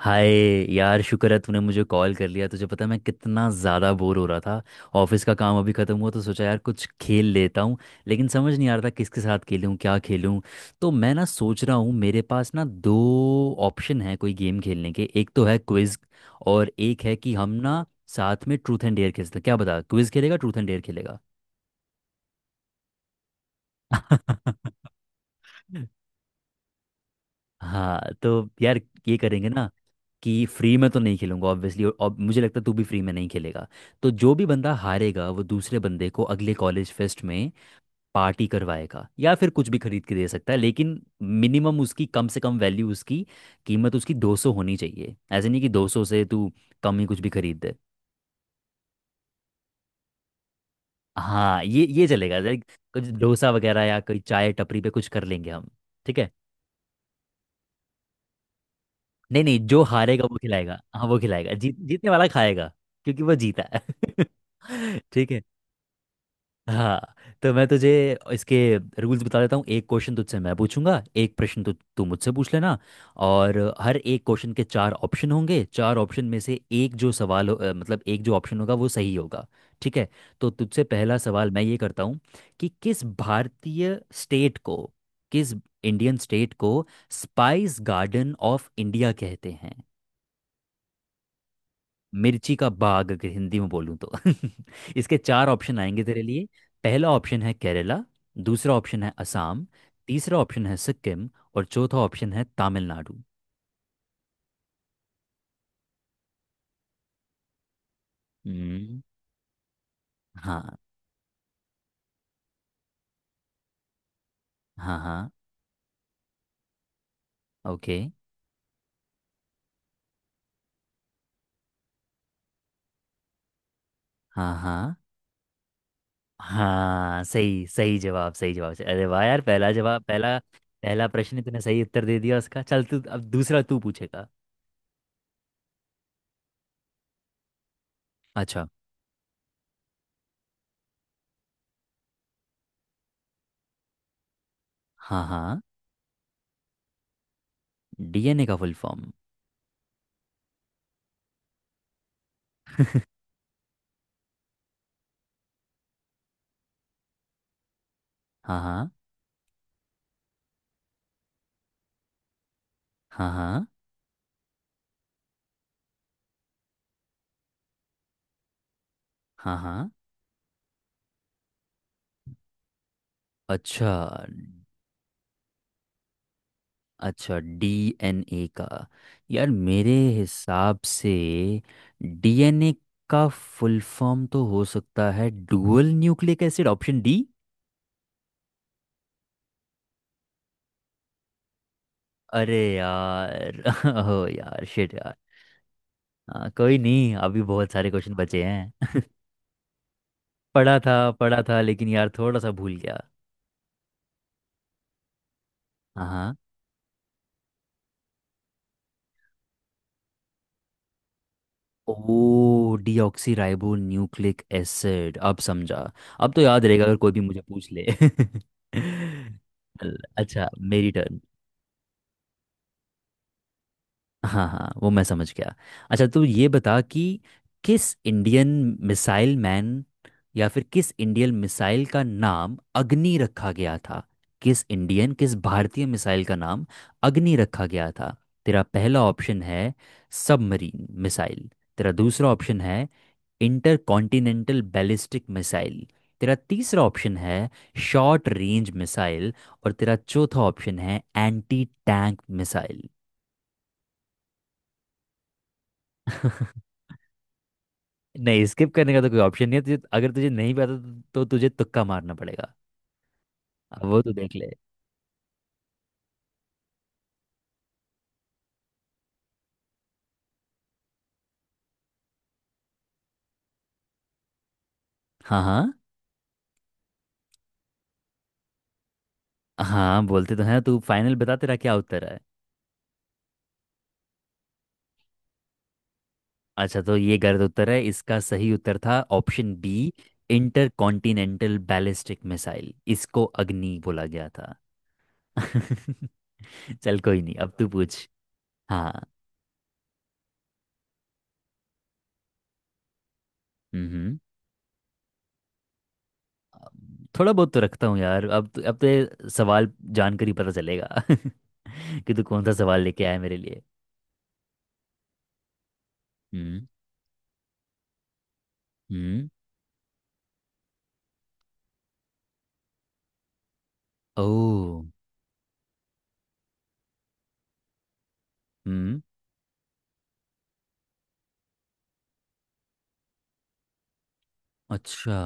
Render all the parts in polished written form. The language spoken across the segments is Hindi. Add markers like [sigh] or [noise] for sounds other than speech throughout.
हाय यार, शुक्र है तूने मुझे कॉल कर लिया। तुझे पता है मैं कितना ज़्यादा बोर हो रहा था। ऑफिस का काम अभी ख़त्म हुआ तो सोचा यार कुछ खेल लेता हूँ, लेकिन समझ नहीं आ रहा था किसके साथ खेलूँ, क्या खेलूँ। तो मैं ना सोच रहा हूँ मेरे पास ना दो ऑप्शन है कोई गेम खेलने के। एक तो है क्विज़, और एक है कि हम ना साथ में ट्रूथ एंड डेयर खेलते हैं। क्या बता, क्विज़ खेलेगा ट्रूथ एंड डेयर खेलेगा। [laughs] हाँ तो यार, ये करेंगे ना कि फ्री में तो नहीं खेलूंगा ऑब्वियसली, और मुझे लगता है तू भी फ्री में नहीं खेलेगा। तो जो भी बंदा हारेगा वो दूसरे बंदे को अगले कॉलेज फेस्ट में पार्टी करवाएगा, या फिर कुछ भी खरीद के दे सकता है, लेकिन मिनिमम उसकी कम से कम वैल्यू, उसकी कीमत उसकी 200 होनी चाहिए। ऐसे नहीं कि 200 से तू कम ही कुछ भी खरीद दे। हाँ, ये चलेगा, लाइक कुछ डोसा वगैरह या कोई चाय टपरी पे कुछ कर लेंगे हम। ठीक है। नहीं नहीं, जो हारेगा वो खिलाएगा, हाँ वो खिलाएगा, जीतने वाला खाएगा क्योंकि वो जीता है। [laughs] ठीक है। हाँ तो मैं तुझे इसके रूल्स बता देता हूँ। एक क्वेश्चन तुझसे मैं पूछूंगा, एक प्रश्न तू मुझसे पूछ लेना। और हर एक क्वेश्चन के चार ऑप्शन होंगे। चार ऑप्शन में से एक जो सवाल मतलब एक जो ऑप्शन होगा वो सही होगा। ठीक है। तो तुझसे पहला सवाल मैं ये करता हूँ कि किस भारतीय स्टेट को, किस इंडियन स्टेट को स्पाइस गार्डन ऑफ इंडिया कहते हैं। मिर्ची का बाग अगर हिंदी में बोलूँ तो। [laughs] इसके चार ऑप्शन आएंगे तेरे लिए। पहला ऑप्शन है केरला, दूसरा ऑप्शन है असम, तीसरा ऑप्शन है सिक्किम, और चौथा ऑप्शन है तमिलनाडु। हम्म। हाँ हाँ। हाँ। ओके। हाँ हाँ, हाँ सही, सही जवाब, सही जवाब। अरे वाह यार, पहला जवाब, पहला पहला प्रश्न तूने सही उत्तर दे दिया उसका। चल, तू अब दूसरा तू पूछेगा। अच्छा। हाँ हाँ। डीएनए का फुल फॉर्म। हाँ हाँ हाँ। हाँ। हाँ हाँ। अच्छा। अच्छा, डीएनए का। यार मेरे हिसाब से डीएनए का फुल फॉर्म तो हो सकता है dual nucleic acid, option D. अरे यार। [laughs] ओ यार शिट यार। हाँ कोई नहीं, अभी बहुत सारे क्वेश्चन बचे हैं। [laughs] पढ़ा था, पढ़ा था लेकिन यार थोड़ा सा भूल गया। हाँ। ओ, डीऑक्सी राइबो न्यूक्लिक एसिड, अब समझा। अब तो याद रहेगा अगर कोई भी मुझे पूछ ले। [laughs] अच्छा, मेरी टर्न। हाँ हाँ, वो मैं समझ गया। अच्छा तू ये बता कि किस इंडियन मिसाइल मैन, या फिर किस इंडियन मिसाइल का नाम अग्नि रखा गया था। किस इंडियन, किस भारतीय मिसाइल का नाम अग्नि रखा गया था। तेरा पहला ऑप्शन है सबमरीन मिसाइल, तेरा दूसरा ऑप्शन है इंटर कॉन्टिनेंटल बैलिस्टिक मिसाइल, तेरा तीसरा ऑप्शन है शॉर्ट रेंज मिसाइल, और तेरा चौथा ऑप्शन है एंटी टैंक मिसाइल। [laughs] नहीं, स्किप करने का तो कोई ऑप्शन नहीं है। तुझे अगर तुझे नहीं पता तो तुझे तुक्का मारना पड़ेगा। अब वो तो देख ले। हाँ हाँ। हाँ, बोलते तो हैं। तू फाइनल बता तेरा क्या उत्तर है। अच्छा, तो ये गलत उत्तर है। इसका सही उत्तर था option B, intercontinental ballistic missile, इसको अग्नि बोला गया था। [laughs] चल कोई नहीं, अब तू पूछ। हाँ। हम्म। थोड़ा बहुत तो रखता हूँ यार। अब तो ये सवाल जानकर ही पता चलेगा [laughs] कि तू कौन सा सवाल लेके आया है मेरे लिए। हम्म। हम्म। ओ। हम्म। अच्छा।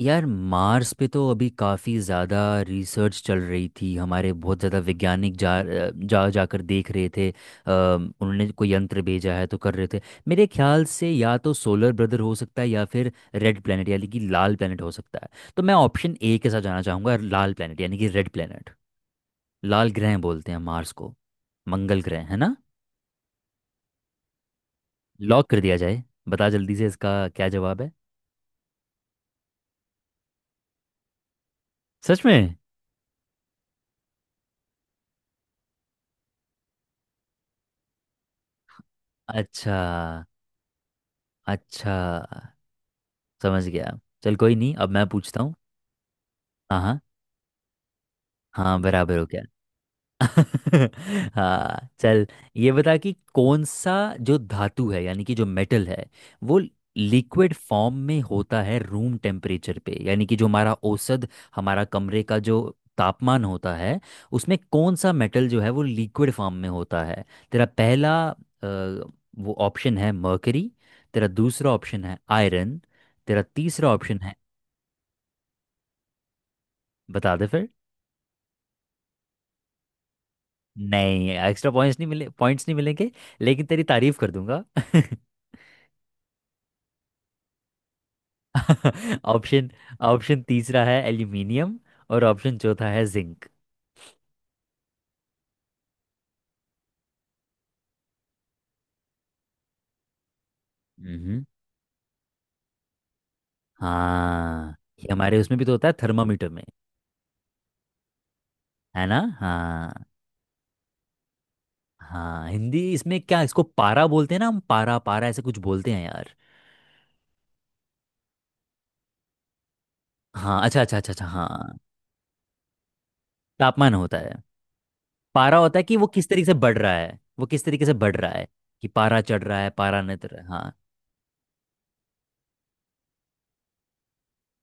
यार मार्स पे तो अभी काफ़ी ज़्यादा रिसर्च चल रही थी। हमारे बहुत ज़्यादा वैज्ञानिक जा जा जाकर देख रहे थे, उन्होंने कोई यंत्र भेजा है तो कर रहे थे। मेरे ख्याल से या तो सोलर ब्रदर हो सकता है, या फिर रेड प्लैनेट, यानी कि लाल प्लैनेट हो सकता है। तो मैं ऑप्शन ए के साथ जाना चाहूँगा, लाल प्लैनेट, यानी कि रेड प्लैनेट। लाल ग्रह बोलते हैं मार्स को। मंगल ग्रह है ना। लॉक कर दिया जाए। बता जल्दी से इसका क्या जवाब है। सच में? अच्छा अच्छा, समझ गया। चल कोई नहीं, अब मैं पूछता हूँ। हाँ हाँ, हाँ बराबर हो गया। [laughs] हाँ चल। ये बता कि कौन सा जो धातु है, यानी कि जो मेटल है, वो लिक्विड फॉर्म में होता है रूम टेम्परेचर पे, यानी कि जो हमारा औसत, हमारा कमरे का जो तापमान होता है, उसमें कौन सा मेटल जो है वो लिक्विड फॉर्म में होता है। तेरा पहला वो ऑप्शन है मर्करी, तेरा दूसरा ऑप्शन है आयरन, तेरा तीसरा ऑप्शन है। बता दे फिर। नहीं, एक्स्ट्रा पॉइंट्स नहीं मिले, पॉइंट्स नहीं मिलेंगे, लेकिन तेरी तारीफ कर दूंगा। [laughs] [laughs] ऑप्शन, ऑप्शन तीसरा है एल्यूमिनियम, और ऑप्शन चौथा है जिंक। हम्म। हाँ, ये हमारे उसमें भी तो होता है, थर्मामीटर में। है ना। हाँ। हाँ हिंदी इसमें क्या, इसको पारा बोलते हैं ना हम। पारा पारा ऐसे कुछ बोलते हैं यार। हाँ अच्छा अच्छा अच्छा अच्छा, हाँ। तापमान होता है, पारा होता है कि वो किस तरीके से बढ़ रहा है, वो किस तरीके से बढ़ रहा है, कि पारा चढ़ रहा है, पारा नहीं उतर रहा है। हाँ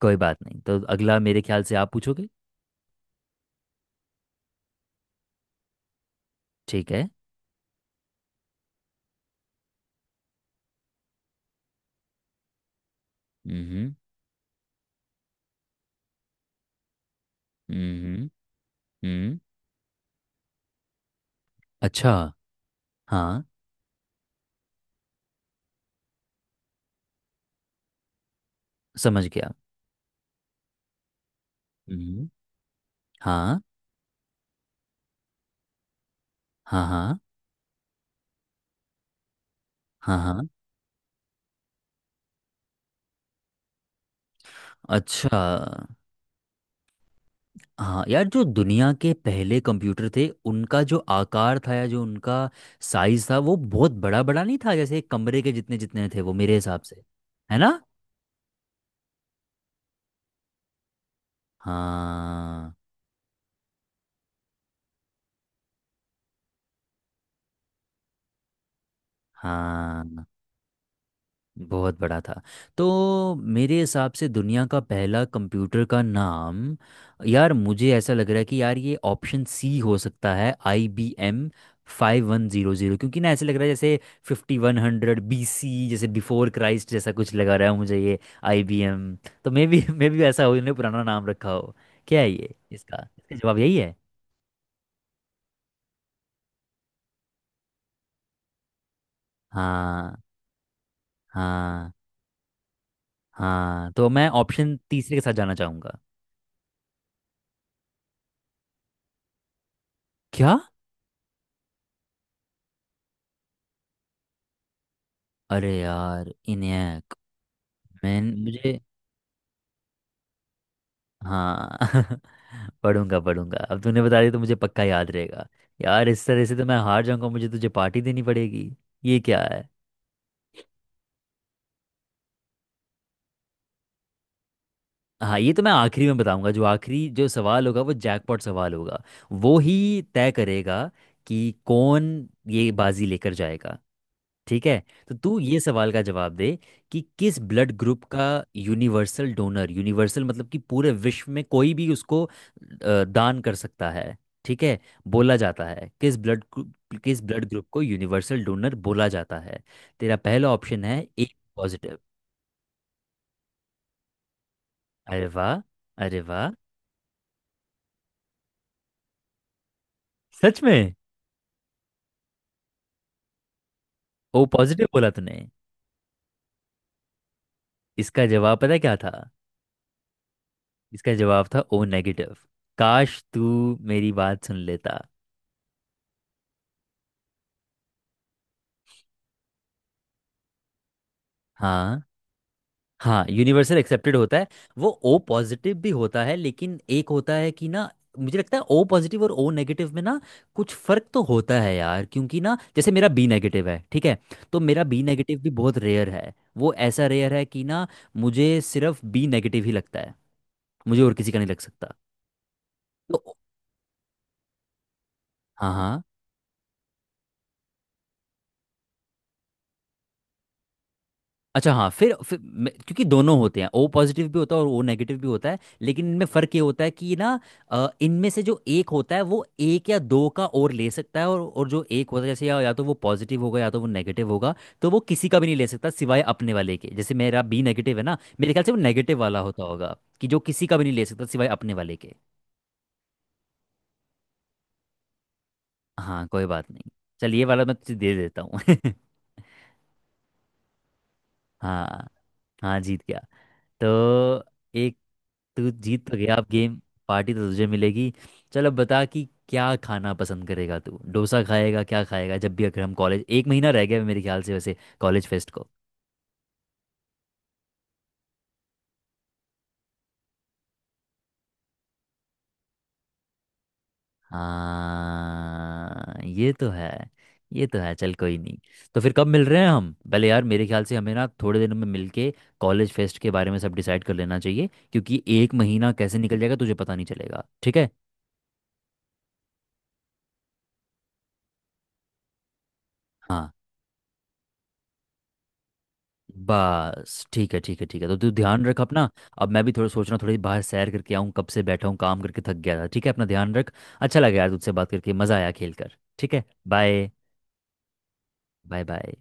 कोई बात नहीं, तो अगला मेरे ख्याल से आप पूछोगे। ठीक है। हम्म। हम्म। हम्म। अच्छा। हाँ, समझ गया। हम्म। हाँ हाँ। हाँ। हाँ। हाँ। अच्छा। हाँ यार, जो दुनिया के पहले कंप्यूटर थे उनका जो आकार था, या जो उनका साइज था वो बहुत बड़ा बड़ा नहीं था, जैसे एक कमरे के जितने जितने थे वो मेरे हिसाब से, है ना। हाँ हाँ, बहुत बड़ा था। तो मेरे हिसाब से दुनिया का पहला कंप्यूटर का नाम, यार मुझे ऐसा लग रहा है कि यार ये ऑप्शन सी हो सकता है, I B M five one zero zero, क्योंकि ना ऐसे लग रहा है जैसे fifty one hundred B C जैसे बिफोर क्राइस्ट जैसा कुछ लगा रहा है मुझे ये, आई बी एम। तो मे बी ऐसा हो इन्होंने पुराना नाम रखा हो। क्या है ये, इसका इसका जवाब यही है? हाँ हाँ। हाँ तो मैं ऑप्शन तीसरे के साथ जाना चाहूँगा। क्या? अरे यार, इन्हें, मैं, मुझे। हाँ। [laughs] पढ़ूंगा पढ़ूंगा, अब तूने बता दिया तो मुझे पक्का याद रहेगा। यार इस तरह से तो मैं हार जाऊंगा, मुझे तुझे पार्टी देनी पड़ेगी। ये क्या है। हाँ ये तो मैं आखिरी में बताऊंगा, जो आखिरी जो सवाल होगा वो जैकपॉट सवाल होगा, वो ही तय करेगा कि कौन ये बाजी लेकर जाएगा। ठीक है। तो तू ये सवाल का जवाब दे कि किस ब्लड ग्रुप का यूनिवर्सल डोनर, यूनिवर्सल मतलब कि पूरे विश्व में कोई भी उसको दान कर सकता है, ठीक है, बोला जाता है, किस ब्लड ग्रुप को यूनिवर्सल डोनर बोला जाता है। तेरा पहला ऑप्शन है ए पॉजिटिव। अरे वाह, अरे वाह। सच में? ओ पॉजिटिव बोला तूने। इसका जवाब पता है क्या था? इसका जवाब था ओ नेगेटिव। काश तू मेरी बात सुन लेता। हाँ हाँ, यूनिवर्सल एक्सेप्टेड होता है। वो ओ पॉजिटिव भी होता है, लेकिन एक होता है कि ना, मुझे लगता है ओ पॉजिटिव और ओ नेगेटिव में ना कुछ फर्क तो होता है यार, क्योंकि ना जैसे मेरा बी नेगेटिव है, ठीक है। तो मेरा बी नेगेटिव भी बहुत रेयर है, वो ऐसा रेयर है कि ना मुझे सिर्फ बी नेगेटिव ही लगता है, मुझे और किसी का नहीं लग सकता। तो। हाँ हाँ। अच्छा हाँ, फिर क्योंकि दोनों होते हैं, ओ पॉजिटिव भी होता है और ओ नेगेटिव भी होता है, लेकिन इनमें फ़र्क ये होता है कि ना, इनमें से जो एक होता है वो एक या दो का और ले सकता है, और जो एक होता है जैसे, या तो वो पॉजिटिव होगा या तो वो नेगेटिव होगा, तो वो किसी का भी नहीं ले सकता सिवाय अपने वाले के। जैसे मेरा बी नेगेटिव है ना, मेरे ख्याल से वो नेगेटिव वाला होता होगा कि जो किसी का भी नहीं ले सकता सिवाय अपने वाले के। हाँ कोई बात नहीं। चलिए ये वाला मैं तुझे दे देता हूँ। [laughs] हाँ, हाँ जीत गया। तो एक, तू जीत तो गया अब गेम। पार्टी तो तुझे मिलेगी। चलो बता कि क्या खाना पसंद करेगा, तू डोसा खाएगा, क्या खाएगा जब भी, अगर हम कॉलेज, एक महीना रह गया है मेरे ख्याल से वैसे कॉलेज फेस्ट को। हाँ ये तो है, ये तो है, चल कोई नहीं। तो फिर कब मिल रहे हैं हम पहले, यार मेरे ख्याल से हमें ना थोड़े दिनों में मिलके कॉलेज फेस्ट के बारे में सब डिसाइड कर लेना चाहिए, क्योंकि एक महीना कैसे निकल जाएगा तुझे पता नहीं चलेगा। ठीक है। हाँ। बस, ठीक है ठीक है ठीक है। तो तू ध्यान रख अपना। अब मैं भी थोड़ा सोच रहा हूँ थोड़ी बाहर सैर करके आऊँ, कब से बैठा हूँ काम करके थक गया था। ठीक है, अपना ध्यान रख। अच्छा लगा यार तुझसे बात करके, मज़ा आया खेल कर। ठीक है, बाय बाय। बाय।